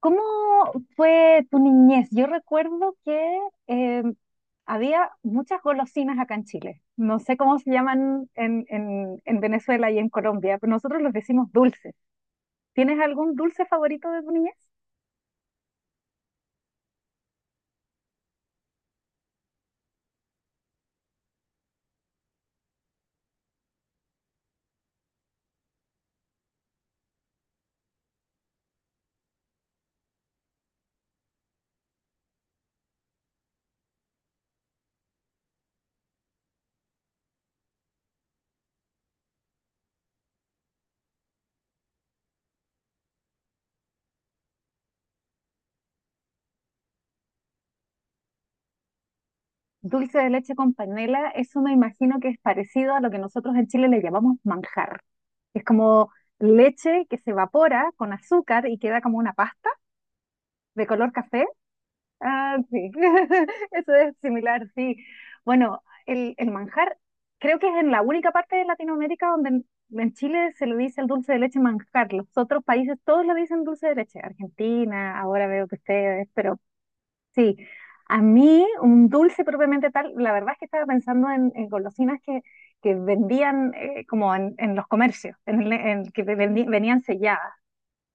¿Cómo fue tu niñez? Yo recuerdo que eh, había muchas golosinas acá en Chile. No sé cómo se llaman en Venezuela y en Colombia, pero nosotros los decimos dulces. ¿Tienes algún dulce favorito de tu niñez? Dulce de leche con panela, eso me imagino que es parecido a lo que nosotros en Chile le llamamos manjar. Es como leche que se evapora con azúcar y queda como una pasta de color café. Ah, sí, eso es similar, sí. Bueno, el manjar creo que es en la única parte de Latinoamérica donde en Chile se le dice el dulce de leche manjar. Los otros países todos le dicen dulce de leche. Argentina, ahora veo que ustedes, pero sí. A mí un dulce propiamente tal, la verdad es que estaba pensando en golosinas que vendían como en los comercios, en que venían selladas.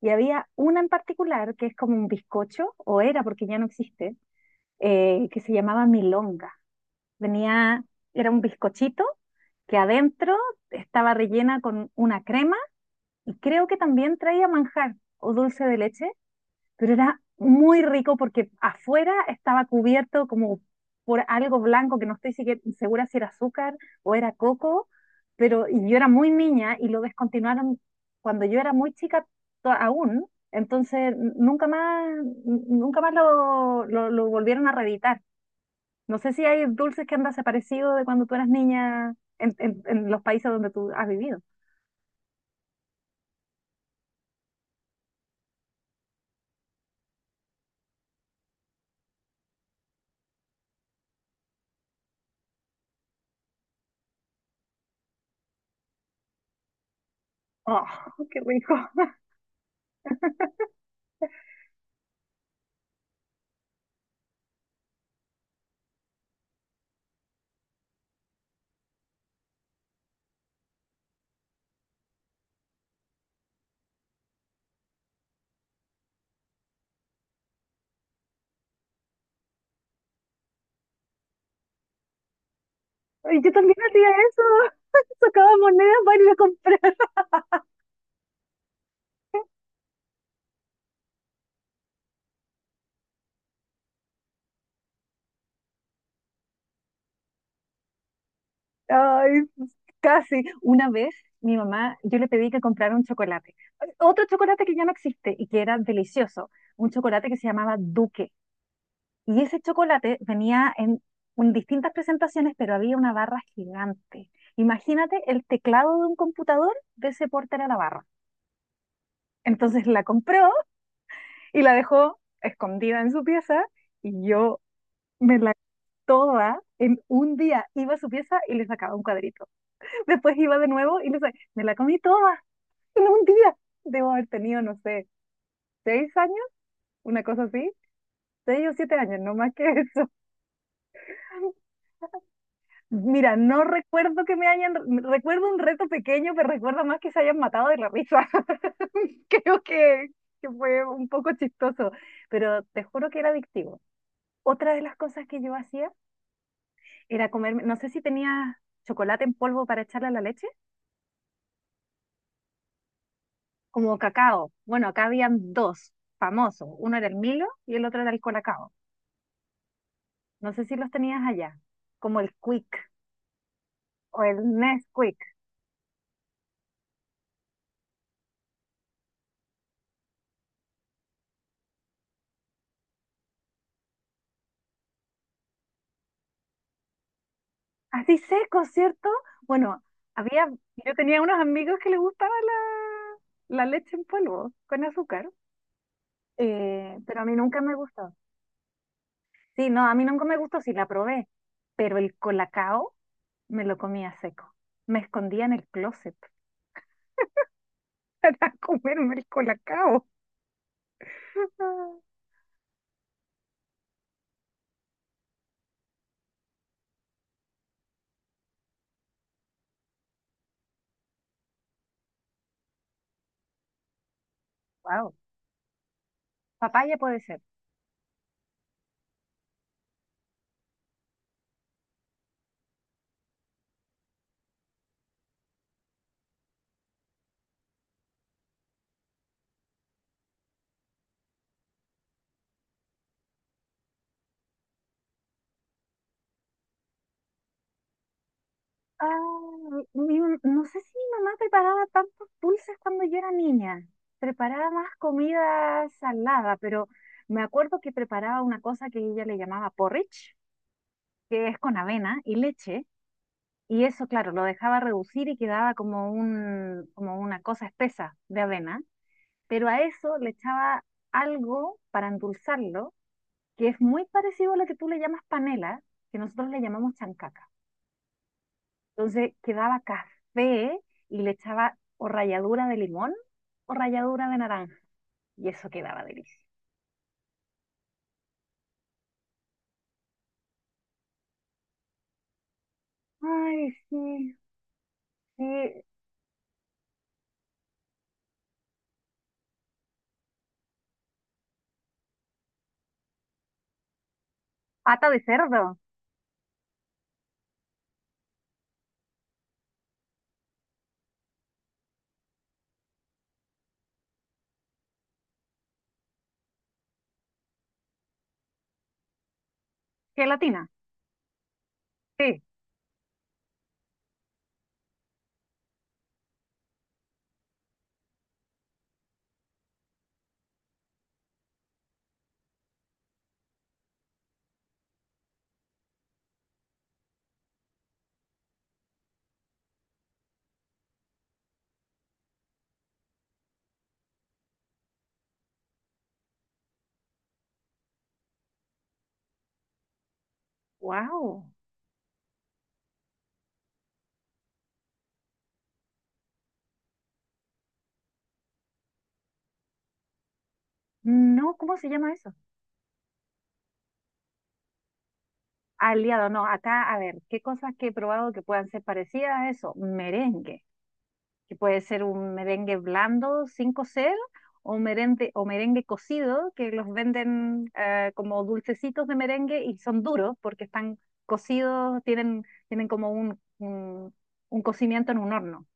Y había una en particular que es como un bizcocho, o era porque ya no existe, que se llamaba milonga. Venía, era un bizcochito que adentro estaba rellena con una crema y creo que también traía manjar o dulce de leche, pero era muy rico porque afuera estaba cubierto como por algo blanco que no estoy segura si era azúcar o era coco, pero y yo era muy niña y lo descontinuaron cuando yo era muy chica aún, entonces nunca más, nunca más lo volvieron a reeditar. No sé si hay dulces que han desaparecido de cuando tú eras niña en los países donde tú has vivido. Oh, qué rico. Ay, yo también hacía eso. Sacaba monedas para ir a comprar. Ay, casi. Una vez mi mamá, yo le pedí que comprara un chocolate. Otro chocolate que ya no existe y que era delicioso. Un chocolate que se llamaba Duque. Y ese chocolate venía en distintas presentaciones, pero había una barra gigante. Imagínate el teclado de un computador de ese porte era la barra. Entonces la compró y la dejó escondida en su pieza y yo me la toda en un día. Iba a su pieza y le sacaba un cuadrito. Después iba de nuevo y le sacaba, me la comí toda en un día. Debo haber tenido, no sé, 6 años, una cosa así. 6 o 7 años, no más que eso. Mira, no recuerdo que me hayan, recuerdo un reto pequeño, pero recuerdo más que se hayan matado de la risa. Creo que fue un poco chistoso, pero te juro que era adictivo. Otra de las cosas que yo hacía era comerme, no sé si tenía chocolate en polvo para echarle a la leche, como cacao. Bueno, acá habían dos famosos, uno era el Milo y el otro era el Colacao. No sé si los tenías allá, como el Quick o el Nesquik. Así seco, ¿cierto? Bueno, había, yo tenía unos amigos que les gustaba la leche en polvo con azúcar, pero a mí nunca me gustaba. Sí, no, a mí nunca me gustó, sí la probé, pero el colacao me lo comía seco. Me escondía en el closet a comerme el colacao. Wow. Papaya puede ser. Ah, no sé si mi mamá preparaba tantos dulces cuando yo era niña. Preparaba más comida salada, pero me acuerdo que preparaba una cosa que ella le llamaba porridge, que es con avena y leche, y eso, claro, lo dejaba reducir y quedaba como una cosa espesa de avena, pero a eso le echaba algo para endulzarlo, que es muy parecido a lo que tú le llamas panela, que nosotros le llamamos chancaca. Entonces quedaba café y le echaba o ralladura de limón o ralladura de naranja, y eso quedaba delicioso. Ay, sí, sí, pata de cerdo, gelatina, sí, wow. No, ¿cómo se llama eso? Aliado, no, acá, a ver, ¿qué cosas que he probado que puedan ser parecidas a eso? Merengue. Que puede ser un merengue blando sin cocer o merengue cocido, que los venden como dulcecitos de merengue y son duros porque están cocidos, tienen como un cocimiento en un horno.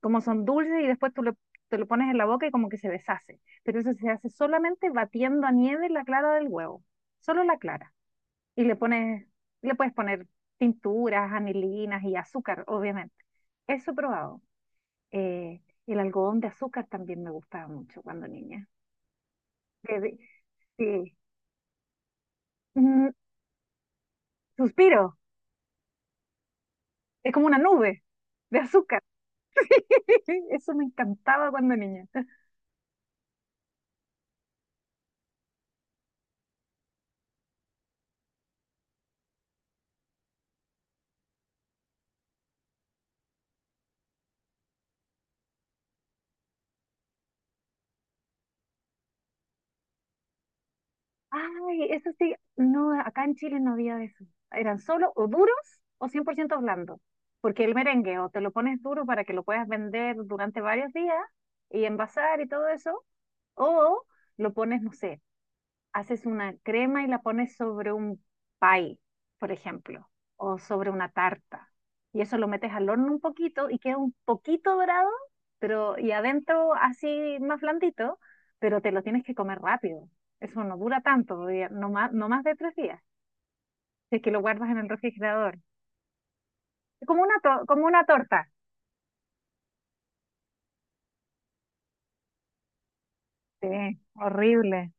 Como son dulces y después te lo pones en la boca y como que se deshace. Pero eso se hace solamente batiendo a nieve la clara del huevo, solo la clara. Y le pones, Le puedes poner tinturas, anilinas y azúcar, obviamente. Eso he probado. Eh, el algodón de azúcar también me gustaba mucho cuando niña. De- de- sí. Mm, suspiro, es como una nube de azúcar. Eso me encantaba cuando niña. Ay, eso sí, no, acá en Chile no había de eso. Eran solo o duros o 100% blandos. Porque el merengue o te lo pones duro para que lo puedas vender durante varios días y envasar y todo eso, o lo pones, no sé, haces una crema y la pones sobre un pie, por ejemplo, o sobre una tarta. Y eso lo metes al horno un poquito y queda un poquito dorado, pero y adentro así más blandito, pero te lo tienes que comer rápido. Eso no dura tanto, no más, no más de 3 días, si es que lo guardas en el refrigerador. Es como una, como una torta. Sí, horrible.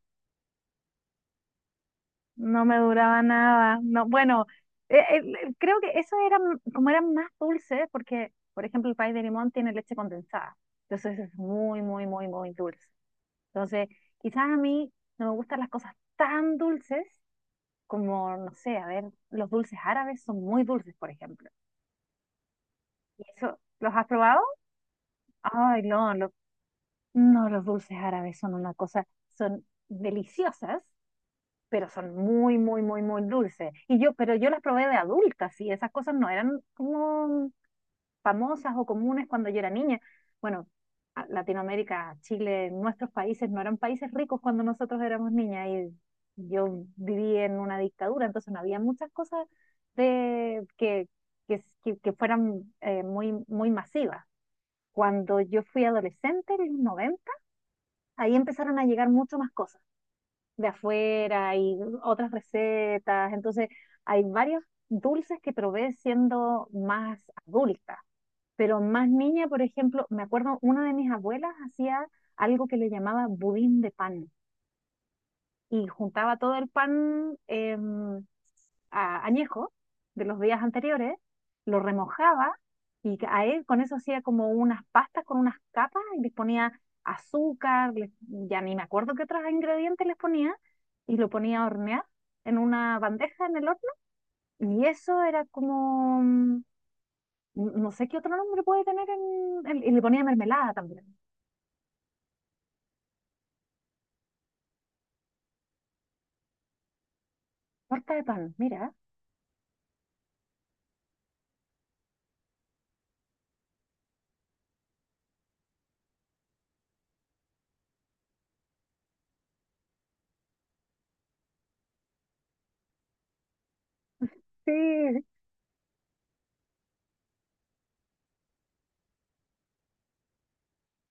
No me duraba nada. No, bueno, eh, eh, creo que eso era como eran más dulces, porque, por ejemplo, el pay de limón tiene leche condensada. Entonces es muy, muy, muy, muy dulce. Entonces, quizás a mí no me gustan las cosas tan dulces como, no sé, a ver, los dulces árabes son muy dulces, por ejemplo. ¿Y eso, los has probado? Ay, no, no, los dulces árabes son una cosa, son deliciosas, pero son muy, muy, muy, muy dulces. Y yo, pero yo las probé de adultas y esas cosas no eran como famosas o comunes cuando yo era niña. Bueno, Latinoamérica, Chile, nuestros países no eran países ricos cuando nosotros éramos niñas y yo viví en una dictadura, entonces no había muchas cosas de que fueran muy, muy masivas. Cuando yo fui adolescente, en los 90 ahí empezaron a llegar mucho más cosas de afuera y otras recetas. Entonces, hay varios dulces que probé siendo más adulta, pero más niña, por ejemplo, me acuerdo una de mis abuelas hacía algo que le llamaba budín de pan y juntaba todo el pan. Añejo de los días anteriores, lo remojaba y a él con eso hacía como unas pastas con unas capas y les ponía azúcar, ya ni me acuerdo qué otros ingredientes les ponía y lo ponía a hornear en una bandeja en el horno y eso era como, mm, no sé qué otro nombre puede tener y le ponía mermelada también, torta de pan, mira. Sí,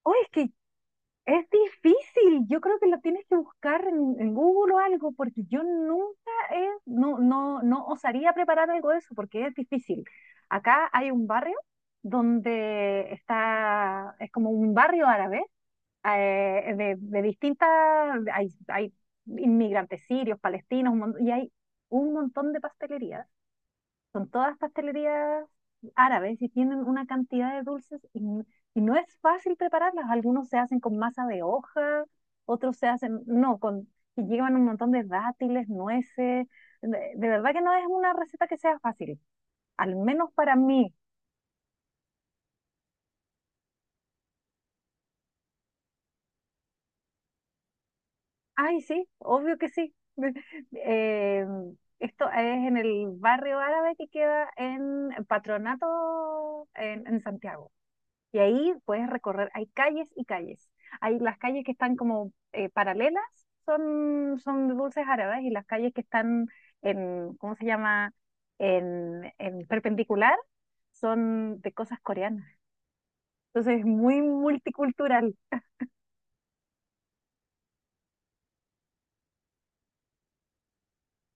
oh, es que es difícil, yo creo que lo tienes que buscar en Google o algo, porque yo nunca he, no, no, no osaría preparar algo de eso, porque es difícil. Acá hay un barrio donde está, es como un barrio árabe, de distintas, hay inmigrantes sirios, palestinos, y hay un montón de pastelerías, son todas pastelerías árabes y tienen una cantidad de dulces y no es fácil prepararlas. Algunos se hacen con masa de hoja, otros se hacen, no, con, y llevan un montón de dátiles, nueces. De verdad que no es una receta que sea fácil, al menos para mí. Ay, sí, obvio que sí. Eh, esto es en el barrio árabe que queda en Patronato, en Santiago. Y ahí puedes recorrer, hay calles y calles. Hay las calles que están como paralelas, son, son de dulces árabes, y las calles que están en, ¿cómo se llama? En perpendicular, son de cosas coreanas. Entonces es muy multicultural.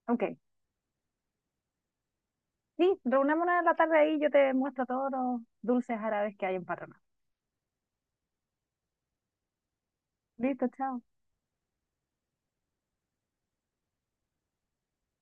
Ok, sí, reunámonos en la tarde ahí, yo te muestro todos los dulces árabes que hay en Patronato. Listo, chao.